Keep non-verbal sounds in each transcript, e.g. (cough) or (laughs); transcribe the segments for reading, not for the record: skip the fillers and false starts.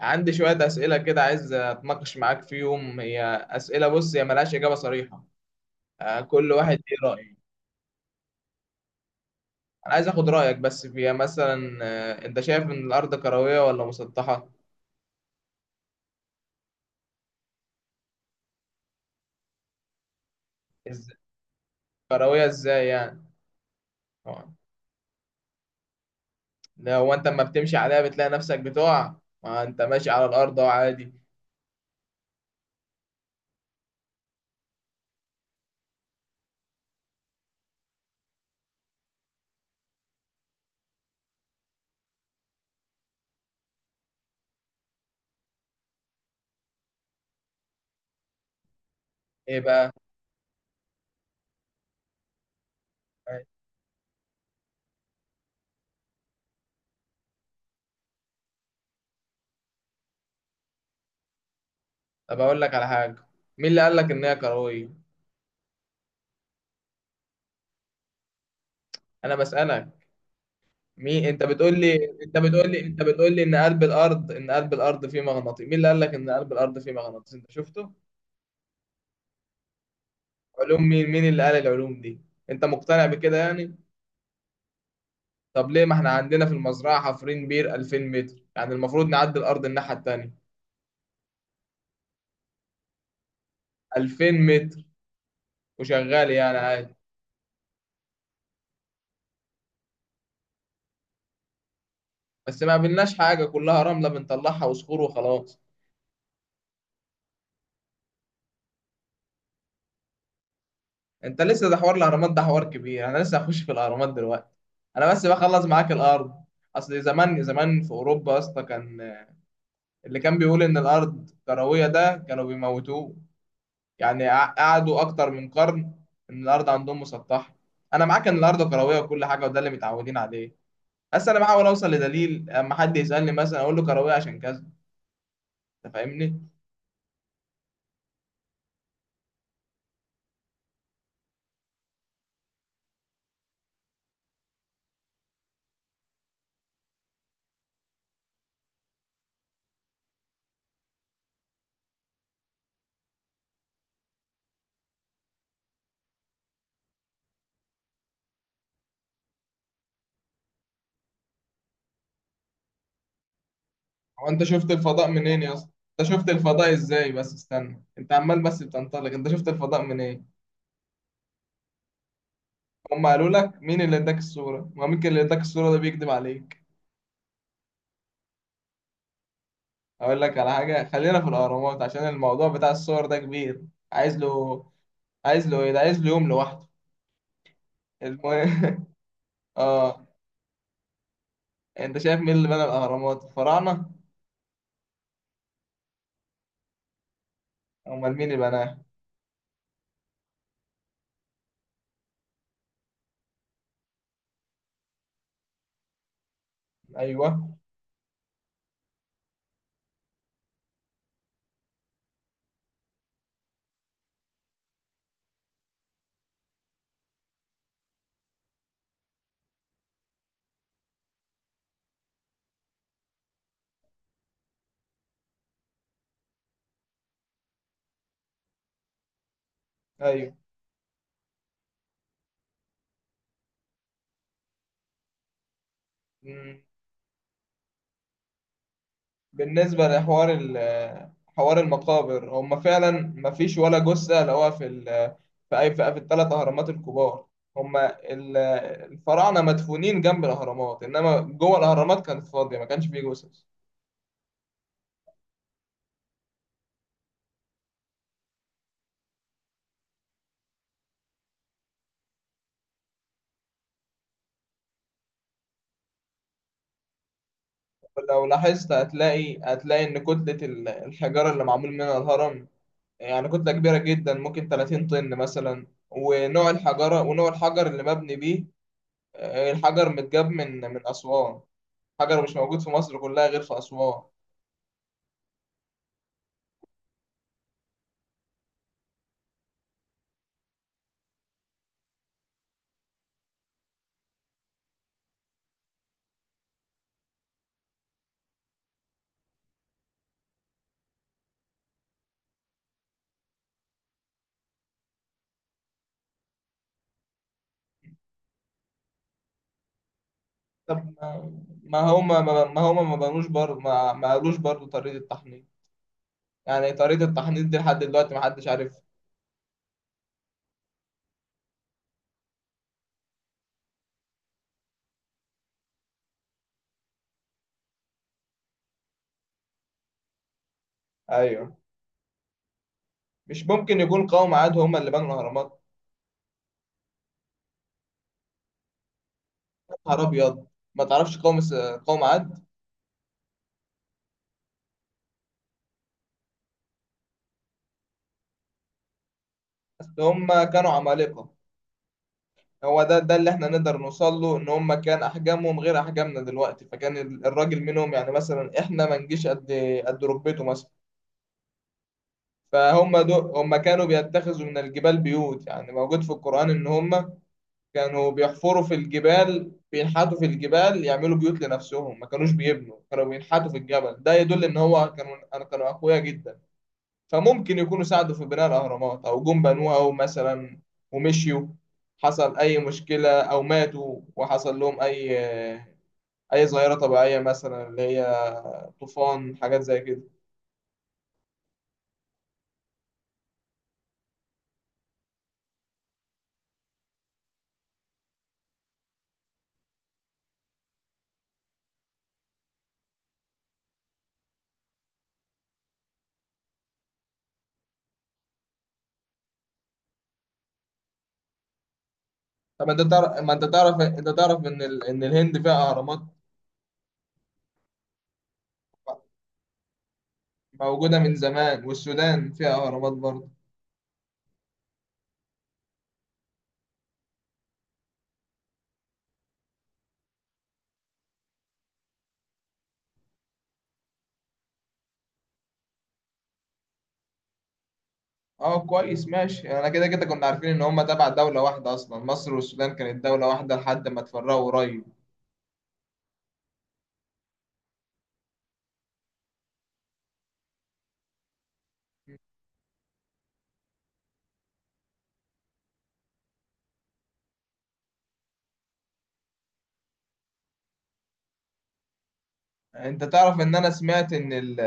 عندي شوية أسئلة كده، عايز أتناقش معاك فيهم. هي أسئلة، بص، هي ملهاش إجابة صريحة. كل واحد ليه رأي. أنا عايز أخد رأيك بس فيها، مثلا أنت شايف إن الأرض كروية ولا مسطحة؟ إز... كروية إزاي يعني؟ آه، ده هو أنت أما بتمشي عليها بتلاقي نفسك بتقع. ما أنت ماشي على الأرض أهو عادي. إيه بقى؟ آه، طب أقول لك على حاجة. مين اللي قال لك إن هي كروية؟ أنا بسألك. مين؟ انت بتقول لي انت بتقول لي انت بتقول لي ان قلب الارض فيه مغناطيس. مين اللي قال لك ان قلب الارض فيه مغناطيس؟ انت شفته؟ علوم مين اللي قال العلوم دي؟ انت مقتنع بكده يعني؟ طب ليه، ما احنا عندنا في المزرعه حفرين بير 2000 متر، يعني المفروض نعدي الارض الناحيه التانيه. 2000 متر وشغال يعني عادي. بس ما قابلناش حاجه، كلها رمله بنطلعها وصخور وخلاص. انت لسه؟ ده حوار الاهرامات ده حوار كبير، انا لسه هخش في الاهرامات دلوقتي. انا بس بخلص معاك الارض. اصل زمان زمان في اوروبا يا اسطى كان اللي كان بيقول إن الأرض كروية ده كانوا بيموتوه. يعني قعدوا أكتر من قرن إن الأرض عندهم مسطحة. أنا معاك إن الأرض كروية وكل حاجة، وده اللي متعودين عليه. بس أنا بحاول أوصل لدليل، أما حد يسألني مثلا أقول له كروية عشان كذا. أنت فاهمني؟ هو أنت شفت الفضاء منين يا اسطى؟ أنت شفت الفضاء إزاي؟ بس استنى، أنت عمال بس بتنطلق. أنت شفت الفضاء منين؟ هم قالوا لك. مين اللي اداك الصورة؟ ما ممكن اللي اداك الصورة ده بيكذب عليك. أقول لك على حاجة، خلينا في الأهرامات، عشان الموضوع بتاع الصور ده كبير، عايز له عايز له ايه؟ ده عايز له يوم لوحده. المهم. (laughs) اه، انت شايف مين اللي بنى الاهرامات؟ الفراعنه؟ امال مين اللي بناها؟ ايوه. ايوه. مم. بالنسبه لحوار حوار المقابر، هم فعلا ما فيش ولا جثه لقوها في في اي، في الثلاث اهرامات الكبار. هم الفراعنه مدفونين جنب الاهرامات، انما جوه الاهرامات كانت فاضيه، ما كانش فيه جثث. لو لاحظت هتلاقي ان كتله الحجاره اللي معمول منها الهرم، يعني كتلة كبيرة جدا، ممكن 30 طن مثلا، ونوع الحجارة ونوع الحجر اللي مبني بيه. الحجر متجاب من أسوان، حجر مش موجود في مصر كلها غير في أسوان. طب ما، ما هما ما بنوش برضه، ما قالوش برضه طريقة التحنيط. يعني طريقة التحنيط دي لحد دلوقتي ما حدش عارف. ايوه. مش ممكن يكون قوم عاد هما اللي بنوا الأهرامات؟ يا نهار أبيض، ما تعرفش قوم عاد؟ أصل هما كانوا عمالقة. هو ده اللي احنا نقدر نوصل له، ان هم كان احجامهم غير احجامنا دلوقتي. فكان الراجل منهم، يعني مثلا احنا ما نجيش قد ركبته مثلا. فهم دول هم كانوا بيتخذوا من الجبال بيوت. يعني موجود في القرآن ان هم كانوا بيحفروا في الجبال، بينحتوا في الجبال، يعملوا بيوت لنفسهم، ما كانوش بيبنوا، كانوا بينحتوا في الجبل. ده يدل ان هو كانوا اقوياء جدا. فممكن يكونوا ساعدوا في بناء الأهرامات، أو جم بنوها مثلا ومشيوا، حصل أي مشكلة أو ماتوا، وحصل لهم أي ظاهرة طبيعية مثلا، اللي هي طوفان، حاجات زي كده. طب أنت تعرف ما أنت تعرف أنت تعرف إن إن الهند فيها أهرامات موجودة من زمان. والسودان فيها أهرامات برضه. أه، كويس، ماشي. أنا كده كده كنا عارفين إن هما تبع دولة واحدة أصلا، مصر والسودان كانت دولة واحدة لحد ما اتفرقوا قريب. انت تعرف ان انا سمعت ان ال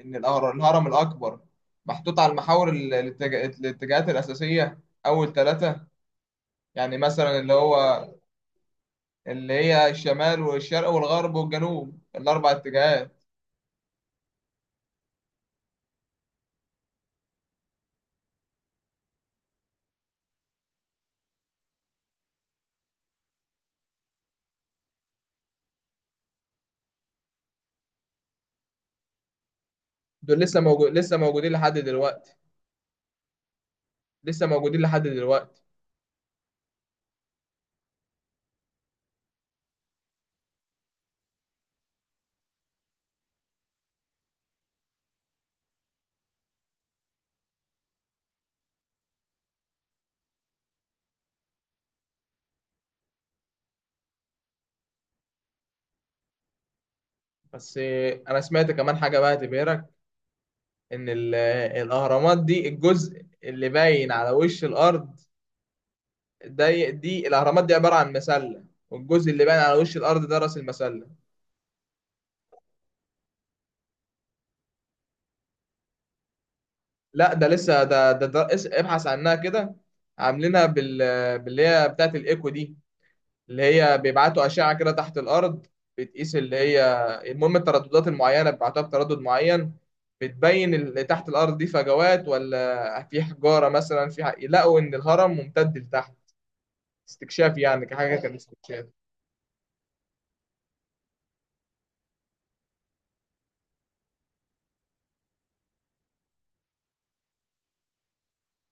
ان الهرم الاكبر محطوط على المحاور، الاتجاهات الاساسيه، اول ثلاثه، يعني مثلا اللي هو، اللي هي الشمال والشرق والغرب والجنوب، الاربع اتجاهات. دول لسه لسه موجودين لحد دلوقتي. لسه موجودين لحد دلوقتي. بس انا سمعت كمان حاجه بقى تبهرك، ان الاهرامات دي الجزء اللي باين على وش الارض ده، الاهرامات دي عباره عن مسله، والجزء اللي باين على وش الارض ده راس المسله. لا، ده لسه، ده ابحث عنها كده. عاملينها باللي هي بتاعت الايكو دي، اللي هي بيبعتوا اشعه كده تحت الارض، بتقيس اللي هي، المهم الترددات المعينه، بيبعتوها بتردد معين، بتبين اللي تحت الارض دي فجوات ولا في حجاره مثلا، لقوا ان الهرم ممتد لتحت. استكشاف يعني، كحاجه كان استكشاف.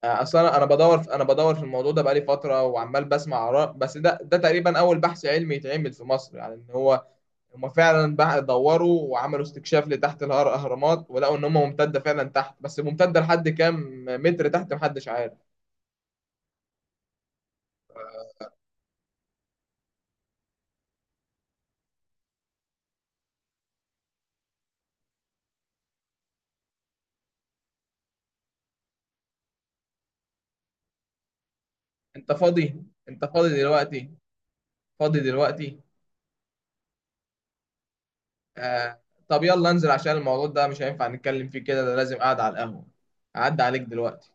اصلا انا بدور في الموضوع ده بقالي فتره وعمال بسمع اراء. بس ده تقريبا اول بحث علمي يتعمل في مصر. يعني ان هو هما فعلا بقى دوروا وعملوا استكشاف لتحت الاهرامات، ولقوا ان هما ممتده فعلا تحت، بس ممتده لحد كام متر تحت محدش عارف. انت فاضي؟ انت فاضي دلوقتي؟ فاضي دلوقتي؟ آه. طب يلا انزل، عشان الموضوع ده مش هينفع نتكلم فيه كده، ده لازم قاعد على القهوه. اعدي عليك دلوقتي.